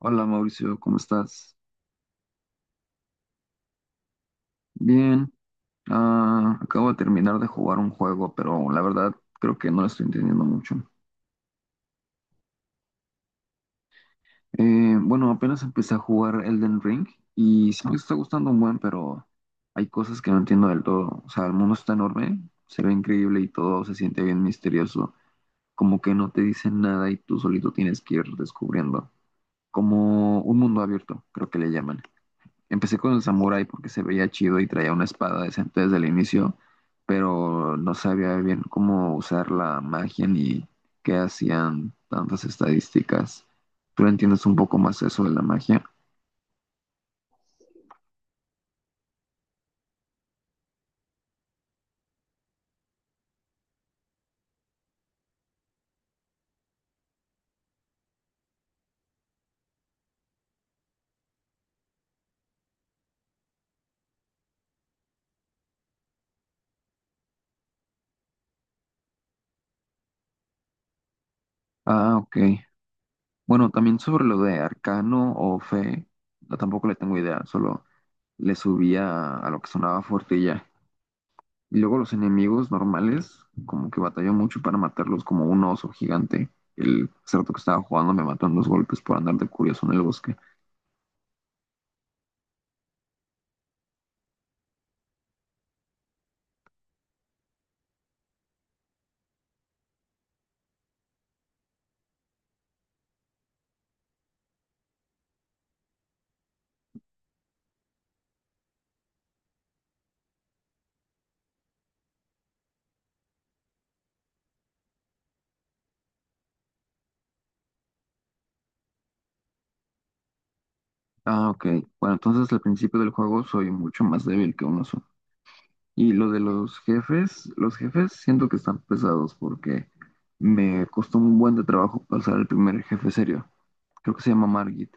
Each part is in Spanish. Hola Mauricio, ¿cómo estás? Bien, acabo de terminar de jugar un juego, pero la verdad creo que no lo estoy entendiendo mucho. Bueno, apenas empecé a jugar Elden Ring y sí me está gustando un buen, pero hay cosas que no entiendo del todo. O sea, el mundo está enorme, se ve increíble y todo se siente bien misterioso, como que no te dicen nada y tú solito tienes que ir descubriendo, como un mundo abierto, creo que le llaman. Empecé con el samurái porque se veía chido y traía una espada decente desde el inicio, pero no sabía bien cómo usar la magia ni qué hacían tantas estadísticas. ¿Tú entiendes un poco más eso de la magia? Ah, ok. Bueno, también sobre lo de arcano o fe, no, tampoco le tengo idea, solo le subía a lo que sonaba fuerte y ya. Y luego los enemigos normales, como que batalló mucho para matarlos, como un oso gigante. El cerdo que estaba jugando me mató en dos golpes por andar de curioso en el bosque. Ah, ok. Bueno, entonces al principio del juego soy mucho más débil que un oso. Y lo de los jefes siento que están pesados porque me costó un buen de trabajo pasar el primer jefe serio. Creo que se llama Margit.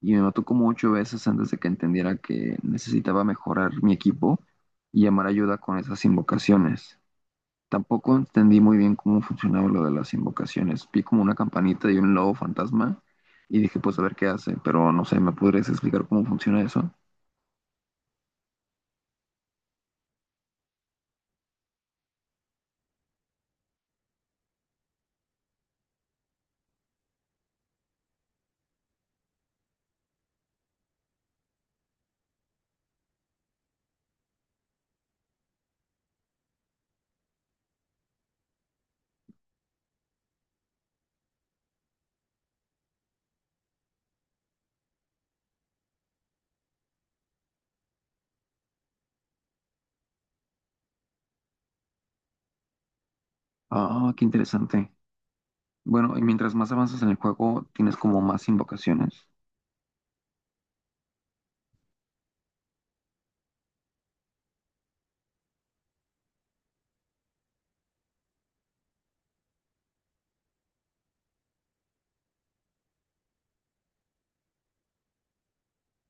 Y me mató como ocho veces antes de que entendiera que necesitaba mejorar mi equipo y llamar ayuda con esas invocaciones. Tampoco entendí muy bien cómo funcionaba lo de las invocaciones. Vi como una campanita y un lobo fantasma y dije, pues a ver qué hace, pero no sé, ¿me podrías explicar cómo funciona eso? Ah, qué interesante. Bueno, y mientras más avanzas en el juego, tienes como más invocaciones.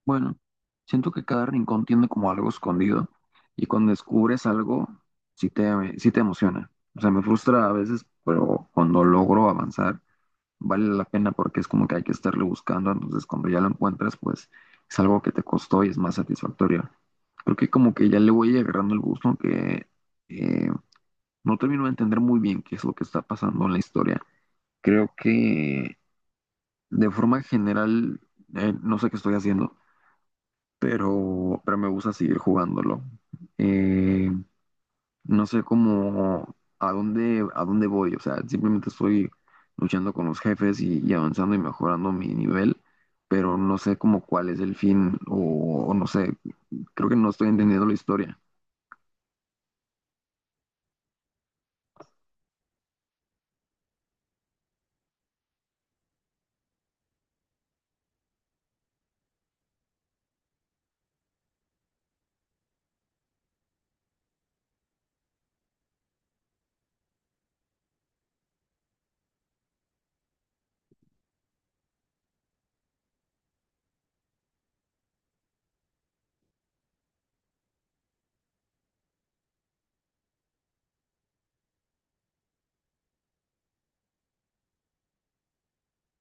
Bueno, siento que cada rincón tiene como algo escondido y cuando descubres algo, sí te emociona. O sea, me frustra a veces, pero cuando logro avanzar vale la pena porque es como que hay que estarle buscando, entonces cuando ya lo encuentras, pues es algo que te costó y es más satisfactorio. Creo que como que ya le voy agarrando el gusto que eh, no termino de entender muy bien qué es lo que está pasando en la historia. Creo que de forma general, no sé qué estoy haciendo, pero me gusta seguir jugándolo. Eh, no sé cómo a dónde voy. O sea, simplemente estoy luchando con los jefes y avanzando y mejorando mi nivel, pero no sé cómo cuál es el fin o no sé, creo que no estoy entendiendo la historia.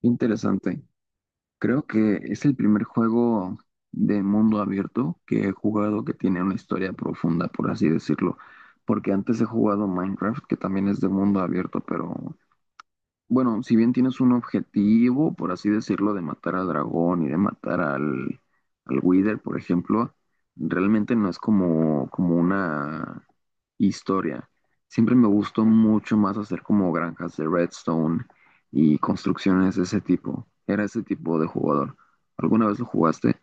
Interesante. Creo que es el primer juego de mundo abierto que he jugado que tiene una historia profunda, por así decirlo. Porque antes he jugado Minecraft, que también es de mundo abierto, pero bueno, si bien tienes un objetivo, por así decirlo, de matar al dragón y de matar al Wither, por ejemplo, realmente no es como, como una historia. Siempre me gustó mucho más hacer como granjas de redstone y construcciones de ese tipo. Era ese tipo de jugador. ¿Alguna vez lo jugaste?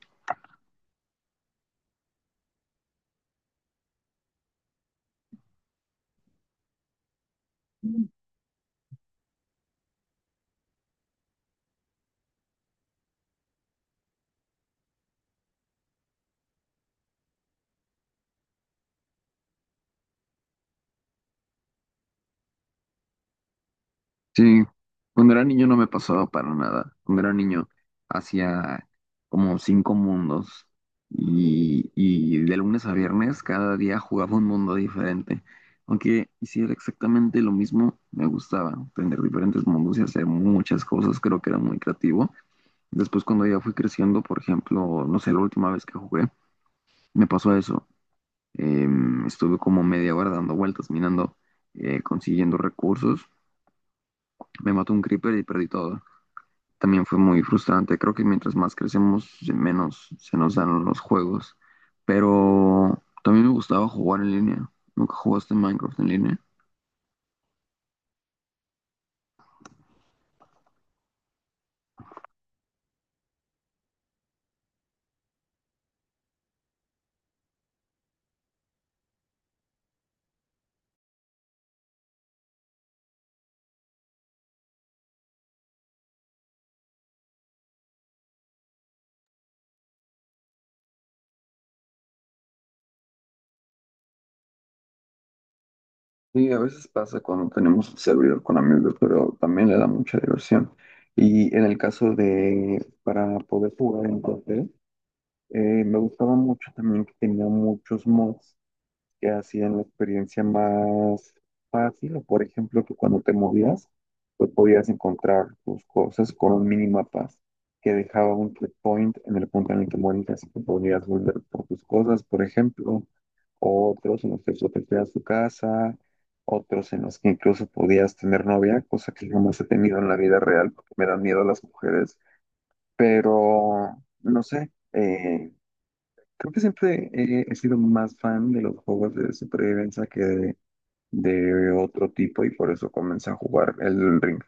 Sí, cuando era niño no me pasaba para nada. Cuando era niño hacía como cinco mundos y de lunes a viernes cada día jugaba un mundo diferente. Aunque hiciera exactamente lo mismo, me gustaba tener diferentes mundos y hacer muchas cosas. Creo que era muy creativo. Después cuando ya fui creciendo, por ejemplo, no sé, la última vez que jugué, me pasó eso. Estuve como media hora dando vueltas, minando, consiguiendo recursos. Me mató un creeper y perdí todo. También fue muy frustrante. Creo que mientras más crecemos, menos se nos dan los juegos. Pero también me gustaba jugar en línea. ¿Nunca jugaste Minecraft en línea? Sí, a veces pasa cuando tenemos un servidor con amigos, pero también le da mucha diversión. Y en el caso de, para poder jugar en papel, me gustaba mucho también que tenía muchos mods que hacían la experiencia más fácil, o por ejemplo, que cuando te movías, pues podías encontrar tus cosas con un minimapaz que dejaba un checkpoint en el punto en el que morías y que podías volver por tus cosas, por ejemplo, otros en los que protegías tu casa, otros en los que incluso podías tener novia, cosa que jamás he tenido en la vida real porque me dan miedo las mujeres, pero no sé. Creo que siempre he sido más fan de los juegos de supervivencia que de otro tipo y por eso comencé a jugar el Ring.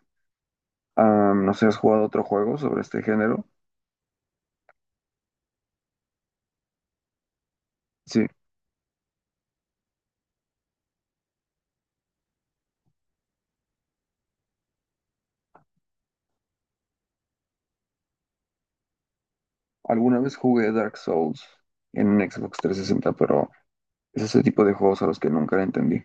No sé, ¿has jugado otro juego sobre este género? Sí, alguna vez jugué Dark Souls en un Xbox 360, pero es ese tipo de juegos a los que nunca le entendí.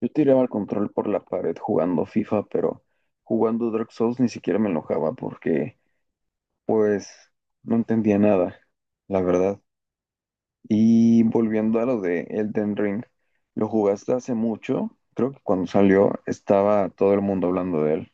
Yo tiraba el control por la pared jugando FIFA, pero jugando Dark Souls ni siquiera me enojaba porque, pues, no entendía nada, la verdad. Y volviendo a lo de Elden Ring, lo jugaste hace mucho, creo que cuando salió estaba todo el mundo hablando de él.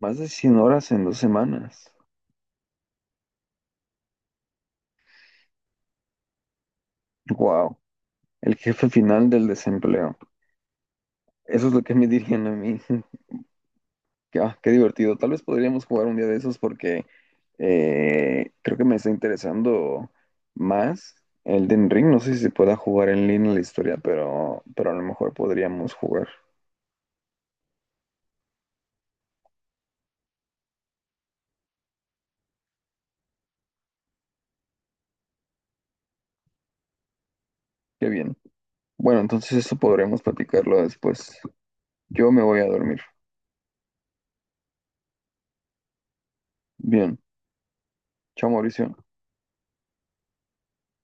Más de 100 horas en dos semanas. Wow, el jefe final del desempleo. Eso es lo que me dirían a mí. Que, ah, qué divertido. Tal vez podríamos jugar un día de esos porque creo que me está interesando más Elden Ring. No sé si se pueda jugar en línea la historia, pero a lo mejor podríamos jugar. Qué bien. Bueno, entonces eso podremos platicarlo después. Yo me voy a dormir. Bien. Chao, Mauricio.